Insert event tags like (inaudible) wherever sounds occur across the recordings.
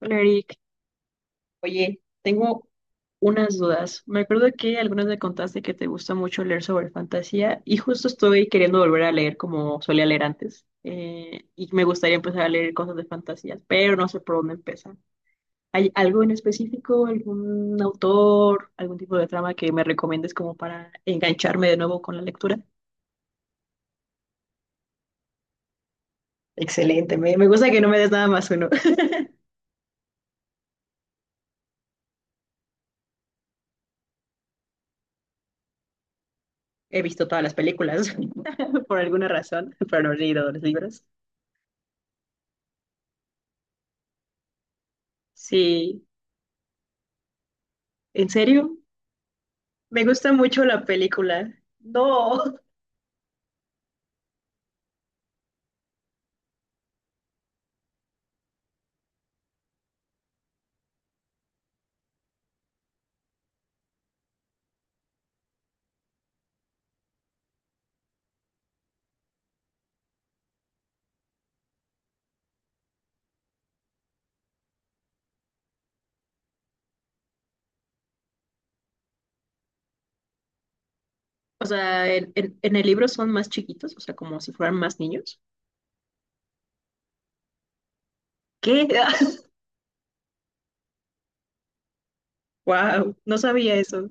Hola Eric, oye, tengo unas dudas. Me acuerdo que algunas me contaste que te gusta mucho leer sobre fantasía y justo estoy queriendo volver a leer como solía leer antes. Y me gustaría empezar a leer cosas de fantasía, pero no sé por dónde empezar. ¿Hay algo en específico, algún autor, algún tipo de trama que me recomiendes como para engancharme de nuevo con la lectura? Excelente, me gusta que no me des nada más uno. (laughs) He visto todas las películas (laughs) por alguna razón, pero no he leído los libros. Sí, ¿en serio? Me gusta mucho la película. No. O sea, en el libro son más chiquitos, o sea, como si fueran más niños. ¿Qué? (laughs) Wow, no sabía eso.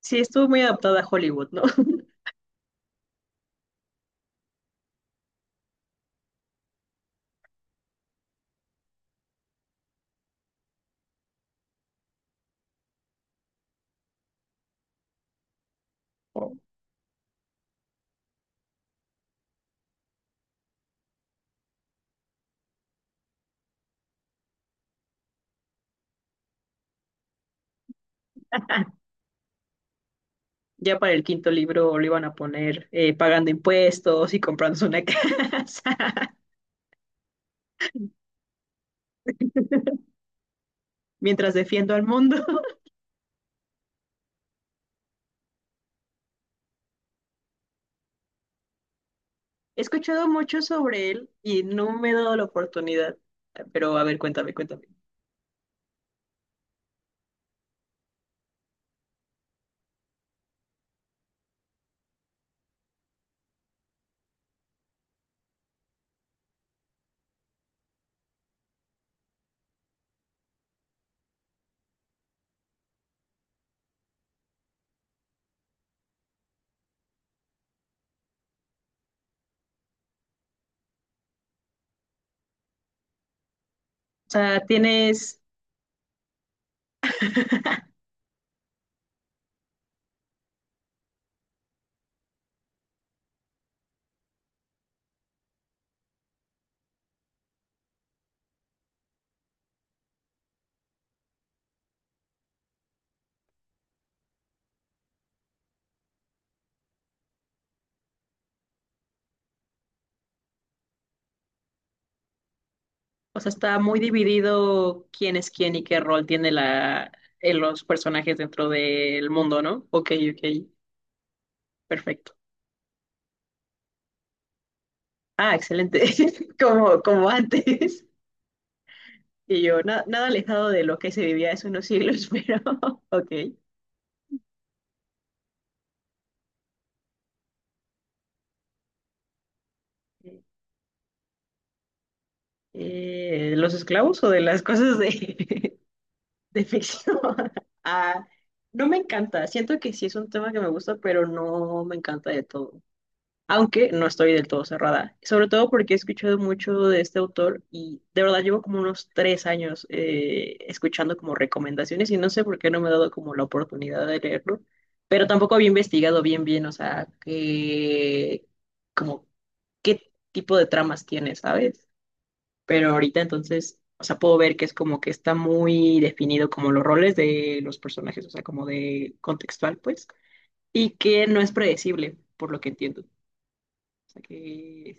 Sí, estuvo muy adaptada a Hollywood, ¿no? (laughs) O ya para el quinto libro lo iban a poner pagando impuestos y comprándose una (laughs) casa mientras defiendo al mundo. (laughs) He escuchado mucho sobre él y no me he dado la oportunidad. Pero a ver, cuéntame, cuéntame. O sea, ¿tienes? (laughs) O sea, está muy dividido quién es quién y qué rol tiene los personajes dentro del mundo, ¿no? Ok, ok, perfecto. Ah, excelente. (laughs) Como, como antes. Y yo, nada alejado de lo que se vivía hace unos siglos, (laughs) pero ok. ¿Los esclavos o de las cosas de, (laughs) de ficción? (laughs) Ah, no me encanta. Siento que sí es un tema que me gusta, pero no me encanta de todo. Aunque no estoy del todo cerrada, sobre todo porque he escuchado mucho de este autor y de verdad llevo como unos tres años escuchando como recomendaciones y no sé por qué no me he dado como la oportunidad de leerlo, pero tampoco había investigado bien bien, o sea, que como qué tipo de tramas tiene, ¿sabes? Pero ahorita entonces, o sea, puedo ver que es como que está muy definido como los roles de los personajes, o sea, como de contextual, pues, y que no es predecible, por lo que entiendo. O sea, que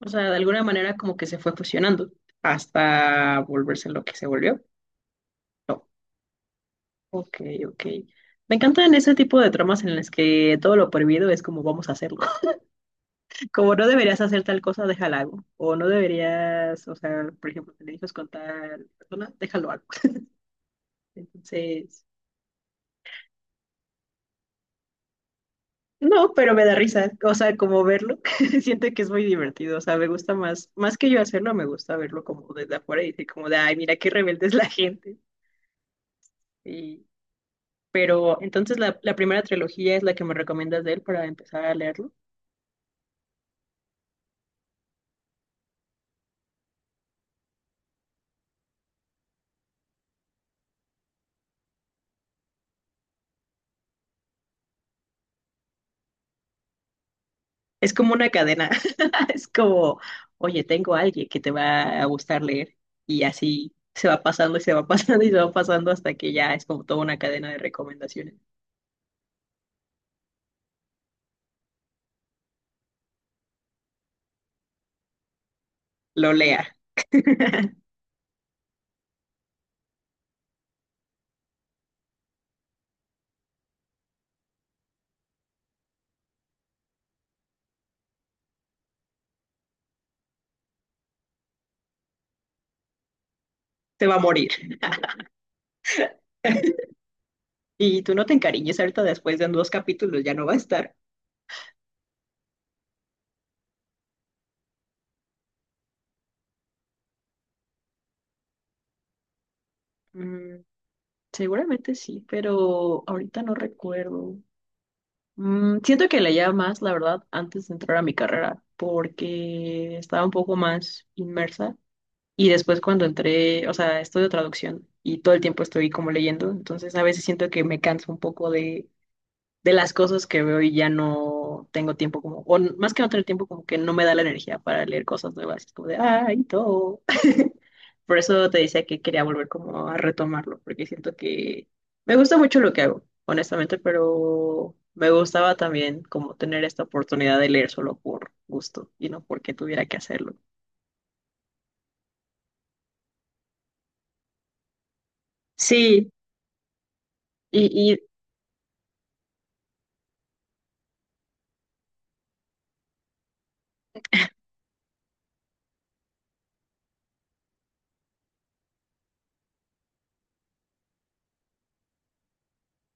o sea, de alguna manera como que se fue fusionando hasta volverse lo que se volvió. No. Ok, ok. Me encantan ese tipo de tramas en las que todo lo prohibido es como vamos a hacerlo. (laughs) Como no deberías hacer tal cosa, déjalo hago. O no deberías, o sea, por ejemplo, te dices con tal persona, déjalo hago. (laughs) Entonces, no, pero me da risa. O sea, como verlo, (laughs) siento que es muy divertido. O sea, me gusta más, más que yo hacerlo, me gusta verlo como desde afuera y decir como de, ay, mira qué rebelde es la (laughs) gente. Y pero entonces la primera trilogía es la que me recomiendas de él para empezar a leerlo. Es como una cadena. (laughs) Es como, oye, tengo a alguien que te va a gustar leer. Y así se va pasando y se va (laughs) pasando y se va pasando hasta que ya es como toda una cadena de recomendaciones. Lo lea, (laughs) se va a morir. (laughs) Y tú no te encariñes ahorita después de dos capítulos, ya no va a estar. Mm, seguramente sí, pero ahorita no recuerdo. Mm, siento que leía más, la verdad, antes de entrar a mi carrera, porque estaba un poco más inmersa. Y después cuando entré, o sea, estudio traducción y todo el tiempo estoy como leyendo, entonces a veces siento que me canso un poco de las cosas que veo y ya no tengo tiempo como, o más que no tener tiempo, como que no me da la energía para leer cosas nuevas. Es como de, ay, todo. Por eso te decía que quería volver como a retomarlo, porque siento que me gusta mucho lo que hago, honestamente, pero me gustaba también como tener esta oportunidad de leer solo por gusto y no porque tuviera que hacerlo. Sí, y,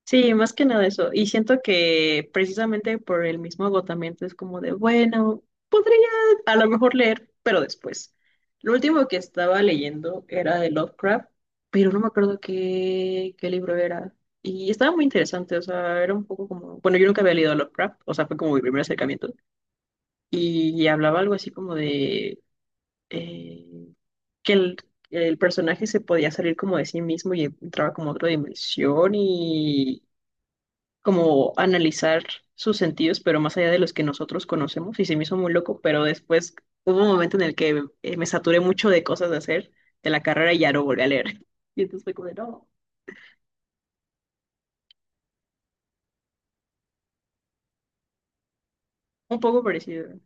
sí, más que nada eso. Y siento que precisamente por el mismo agotamiento es como de, bueno, podría a lo mejor leer, pero después. Lo último que estaba leyendo era de Lovecraft, pero no me acuerdo qué, qué libro era. Y estaba muy interesante, o sea, era un poco como, bueno, yo nunca había leído a Lovecraft, o sea, fue como mi primer acercamiento. Y hablaba algo así como de eh, que el, el personaje se podía salir como de sí mismo y entraba como a otra dimensión como analizar sus sentidos, pero más allá de los que nosotros conocemos, y se me hizo muy loco, pero después hubo un momento en el que me saturé mucho de cosas de hacer de la carrera y ya no volví a leer. (laughs) Y entonces fue como de, no, un poco parecido.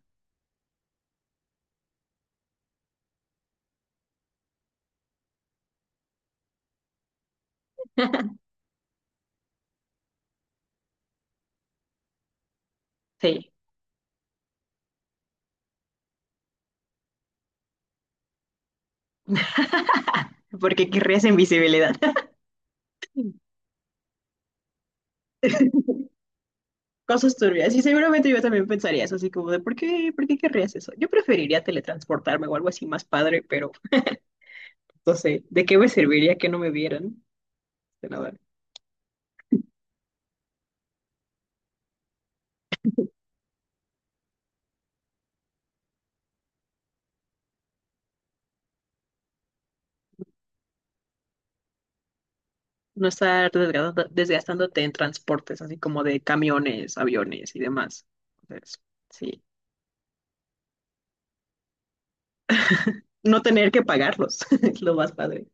Sí, porque querrías invisibilidad. (laughs) Cosas turbias, y seguramente yo también pensaría eso, así como de, por qué querrías eso? Yo preferiría teletransportarme o algo así más padre, pero no sé, ¿de qué me serviría que no me vieran? De nada. No estar desgastándote en transportes, así como de camiones, aviones y demás. Entonces, sí. No tener que pagarlos (laughs) es lo más padre.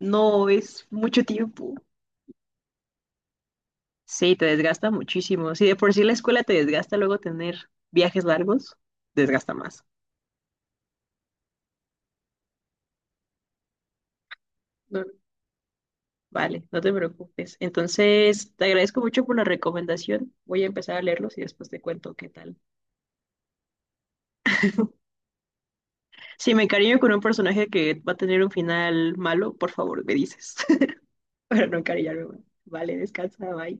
No es mucho tiempo. Sí, te desgasta muchísimo. Si de por sí la escuela te desgasta, luego tener viajes largos, desgasta más. No, vale, no te preocupes. Entonces, te agradezco mucho por la recomendación. Voy a empezar a leerlos y después te cuento qué tal. Si me encariño con un personaje que va a tener un final malo, por favor, me dices. (laughs) (laughs) Para no encariñarme más. Vale, descansa, bye.